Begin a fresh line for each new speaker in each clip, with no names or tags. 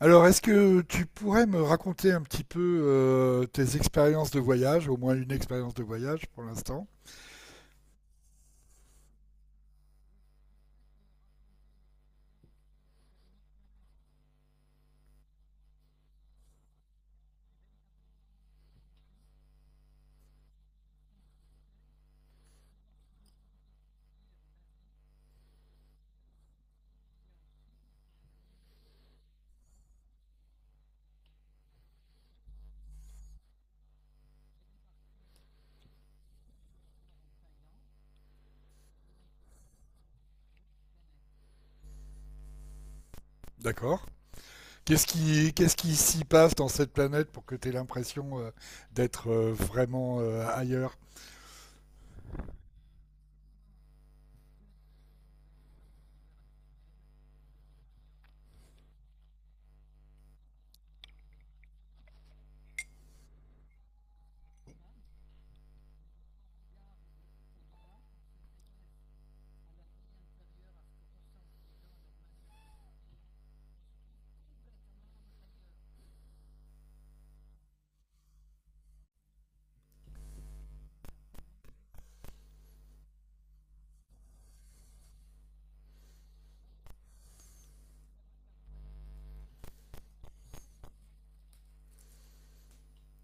Alors, est-ce que tu pourrais me raconter un petit peu tes expériences de voyage, au moins une expérience de voyage pour l'instant? D'accord. Qu'est-ce qui s'y passe dans cette planète pour que tu aies l'impression d'être vraiment ailleurs?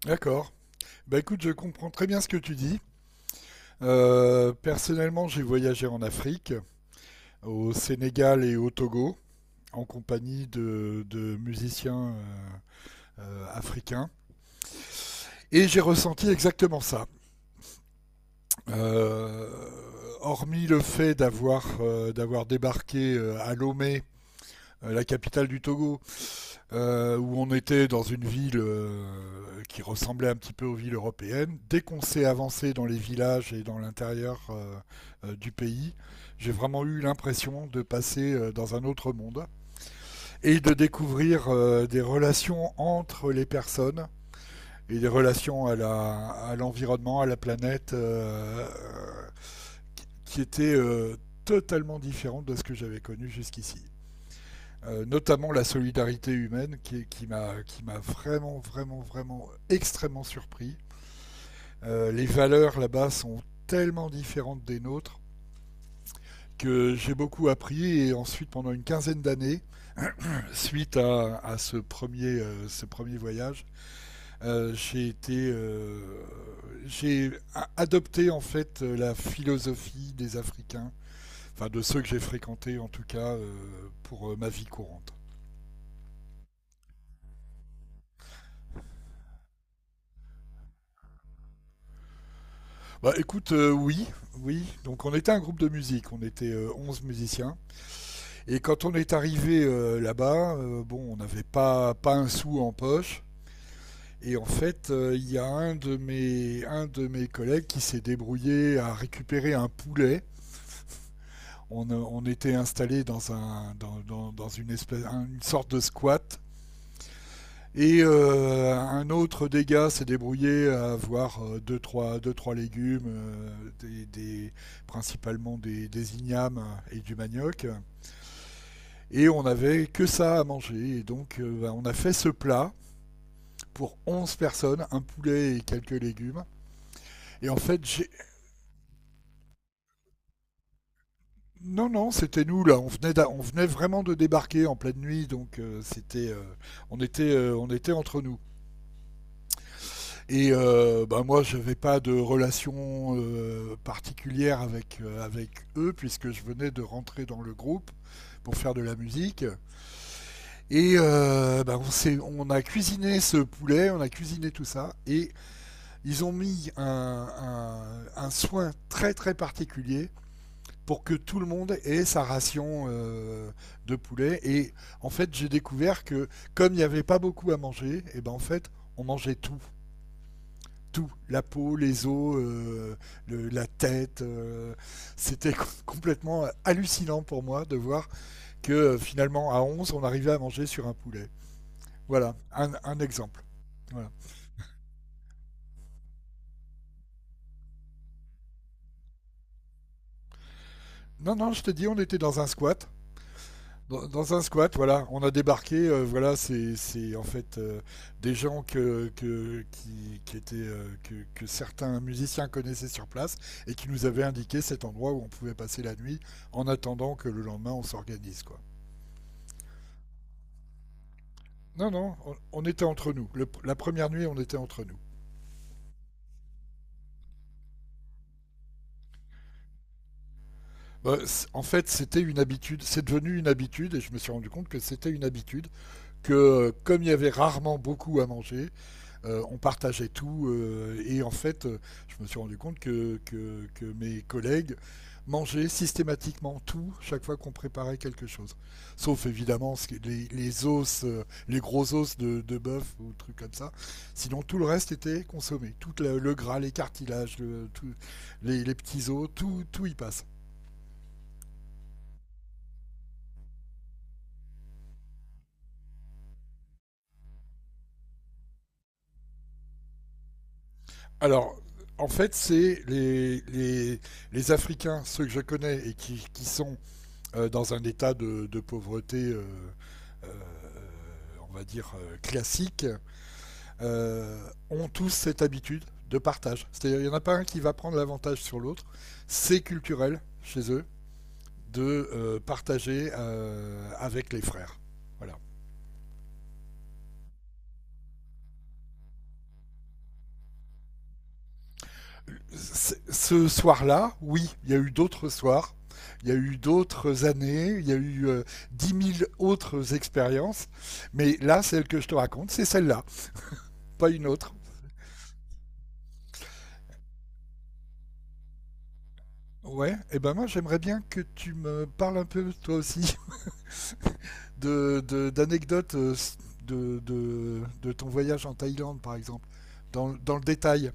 D'accord. Bah écoute, je comprends très bien ce que tu dis. Personnellement, j'ai voyagé en Afrique, au Sénégal et au Togo, en compagnie de musiciens africains, et j'ai ressenti exactement ça. Euh, Hormis le fait d'avoir débarqué à Lomé, la capitale du Togo, où on était dans une ville qui ressemblait un petit peu aux villes européennes, dès qu'on s'est avancé dans les villages et dans l'intérieur du pays, j'ai vraiment eu l'impression de passer dans un autre monde et de découvrir des relations entre les personnes et des relations à l'environnement, à la planète, qui étaient totalement différentes de ce que j'avais connu jusqu'ici. Notamment la solidarité humaine qui m'a vraiment vraiment vraiment extrêmement surpris. Les valeurs là-bas sont tellement différentes des nôtres que j'ai beaucoup appris, et ensuite pendant une quinzaine d'années, suite à ce premier voyage, Euh, j'ai été, euh, j'ai adopté en fait la philosophie des Africains, enfin de ceux que j'ai fréquentés en tout cas, pour ma vie courante. Bah écoute, oui, oui. Donc on était un groupe de musique, on était 11 musiciens. Et quand on est arrivé là-bas, bon, on n'avait pas un sou en poche. Et en fait, il y a un de mes collègues qui s'est débrouillé à récupérer un poulet. On était installé dans, un, dans, dans, dans une, espèce, une sorte de squat. Et un autre des gars s'est débrouillé à avoir deux, trois légumes, des, des, principalement ignames et du manioc. Et on n'avait que ça à manger. Et donc bah, on a fait ce plat pour 11 personnes, un poulet et quelques légumes. Et en fait, non, non, c'était nous là. On venait vraiment de débarquer en pleine nuit. Donc on était entre nous. Et bah, moi, je n'avais pas de relation particulière avec eux, puisque je venais de rentrer dans le groupe pour faire de la musique. Et bah, on a cuisiné ce poulet, on a cuisiné tout ça, et ils ont mis un soin très très particulier pour que tout le monde ait sa ration de poulet. Et en fait, j'ai découvert que comme il n'y avait pas beaucoup à manger, et ben en fait, on mangeait tout tout, la peau, les os, la tête. C'était complètement hallucinant pour moi de voir que finalement à 11, on arrivait à manger sur un poulet. Voilà, un exemple. Voilà. Non, non, je te dis, on était dans un squat. Dans un squat, voilà, on a débarqué, voilà, c'est en fait des gens que, qui étaient, que certains musiciens connaissaient sur place et qui nous avaient indiqué cet endroit où on pouvait passer la nuit en attendant que le lendemain on s'organise, quoi. Non, non, on était entre nous. La première nuit, on était entre nous. Bah, en fait, c'était une habitude, c'est devenu une habitude, et je me suis rendu compte que c'était une habitude, que comme il y avait rarement beaucoup à manger, on partageait tout, et en fait, je me suis rendu compte que, que mes collègues mangeaient systématiquement tout chaque fois qu'on préparait quelque chose. Sauf évidemment les os, les gros os de bœuf ou trucs comme ça. Sinon, tout le reste était consommé. Tout le gras, les cartilages, les petits os, tout, tout y passe. Alors, en fait, c'est les, les Africains, ceux que je connais et qui sont dans un état de pauvreté, euh, on va dire, classique, euh, ont tous cette habitude de partage. C'est-à-dire, il n'y en a pas un qui va prendre l'avantage sur l'autre. C'est culturel chez eux de partager avec les frères. Voilà. Ce soir-là, oui, il y a eu d'autres soirs, il y a eu d'autres années, il y a eu 10 000 autres expériences, mais là, celle que je te raconte, c'est celle-là, pas une autre. Ouais, et ben moi j'aimerais bien que tu me parles un peu toi aussi d'anecdotes de ton voyage en Thaïlande par exemple, dans le détail.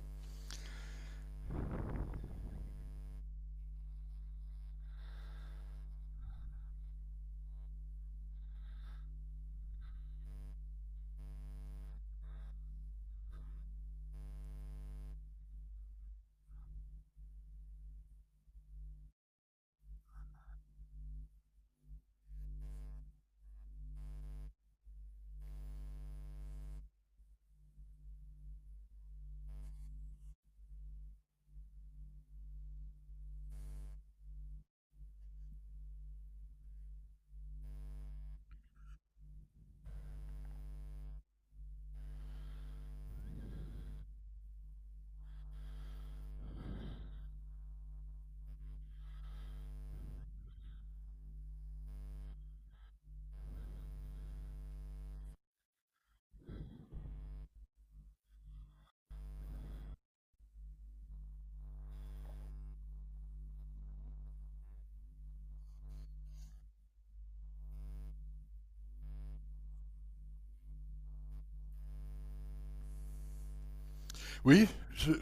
Oui, je...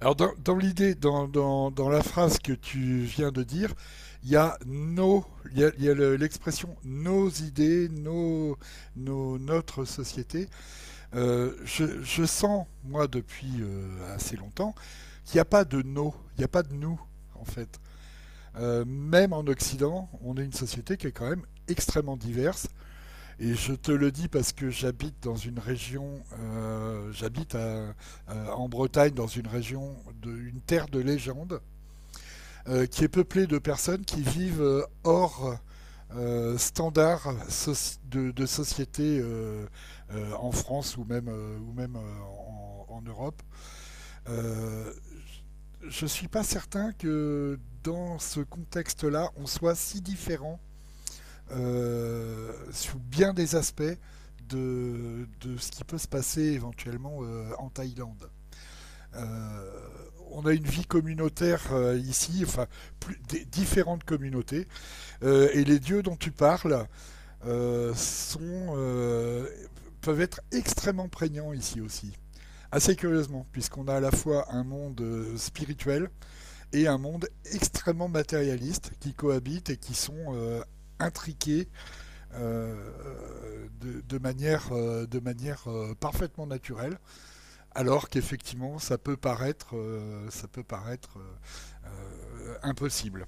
alors dans l'idée, dans la phrase que tu viens de dire, il y a nos, il y a le- l'expression nos idées, notre société. Je sens moi depuis assez longtemps qu'il n'y a pas de nos, il n'y a pas de nous en fait. Même en Occident, on est une société qui est quand même extrêmement diverse. Et je te le dis parce que j'habite en Bretagne, dans une région, une terre de légende, qui est peuplée de personnes qui vivent hors standard de société en France ou même, en Europe. Euh, je ne suis pas certain que dans ce contexte-là, on soit si différent, sous bien des aspects, de ce qui peut se passer éventuellement en Thaïlande. Euh, on a une vie communautaire ici, enfin plus, différentes communautés, et les dieux dont tu parles euh, sont, euh, peuvent être extrêmement prégnants ici aussi. Assez curieusement, puisqu'on a à la fois un monde spirituel et un monde extrêmement matérialiste qui cohabitent et qui sont intriqués, de manière parfaitement naturelle, alors qu'effectivement ça peut paraître impossible.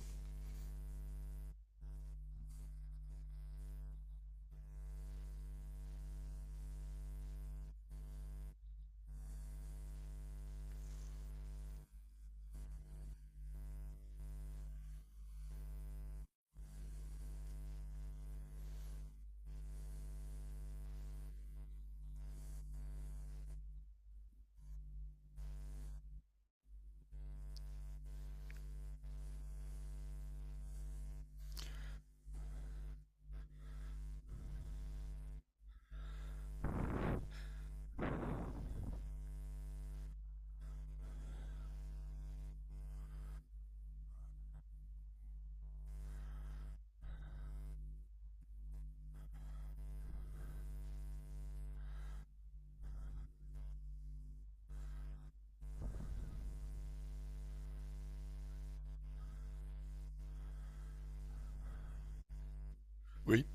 Oui,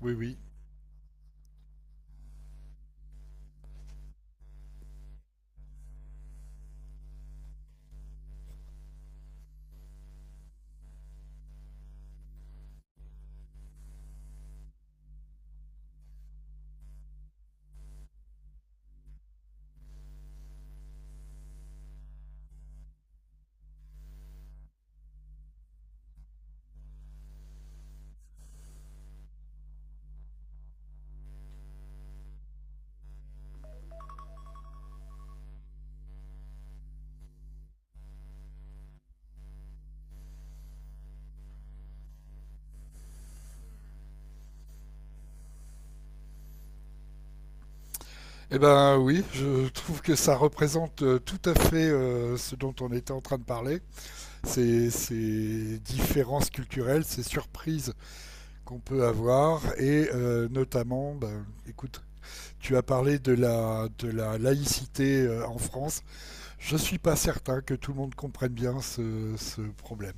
oui, oui. Eh ben oui, je trouve que ça représente tout à fait ce dont on était en train de parler. Ces différences culturelles, ces surprises qu'on peut avoir et notamment, ben, écoute, tu as parlé de la laïcité en France. Je suis pas certain que tout le monde comprenne bien ce problème.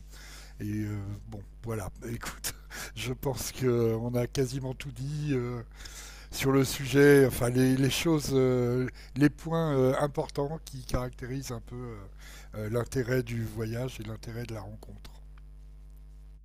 Et bon, voilà, écoute, je pense qu'on a quasiment tout dit sur le sujet, enfin les, choses, les points importants qui caractérisent un peu l'intérêt du voyage et l'intérêt de la rencontre.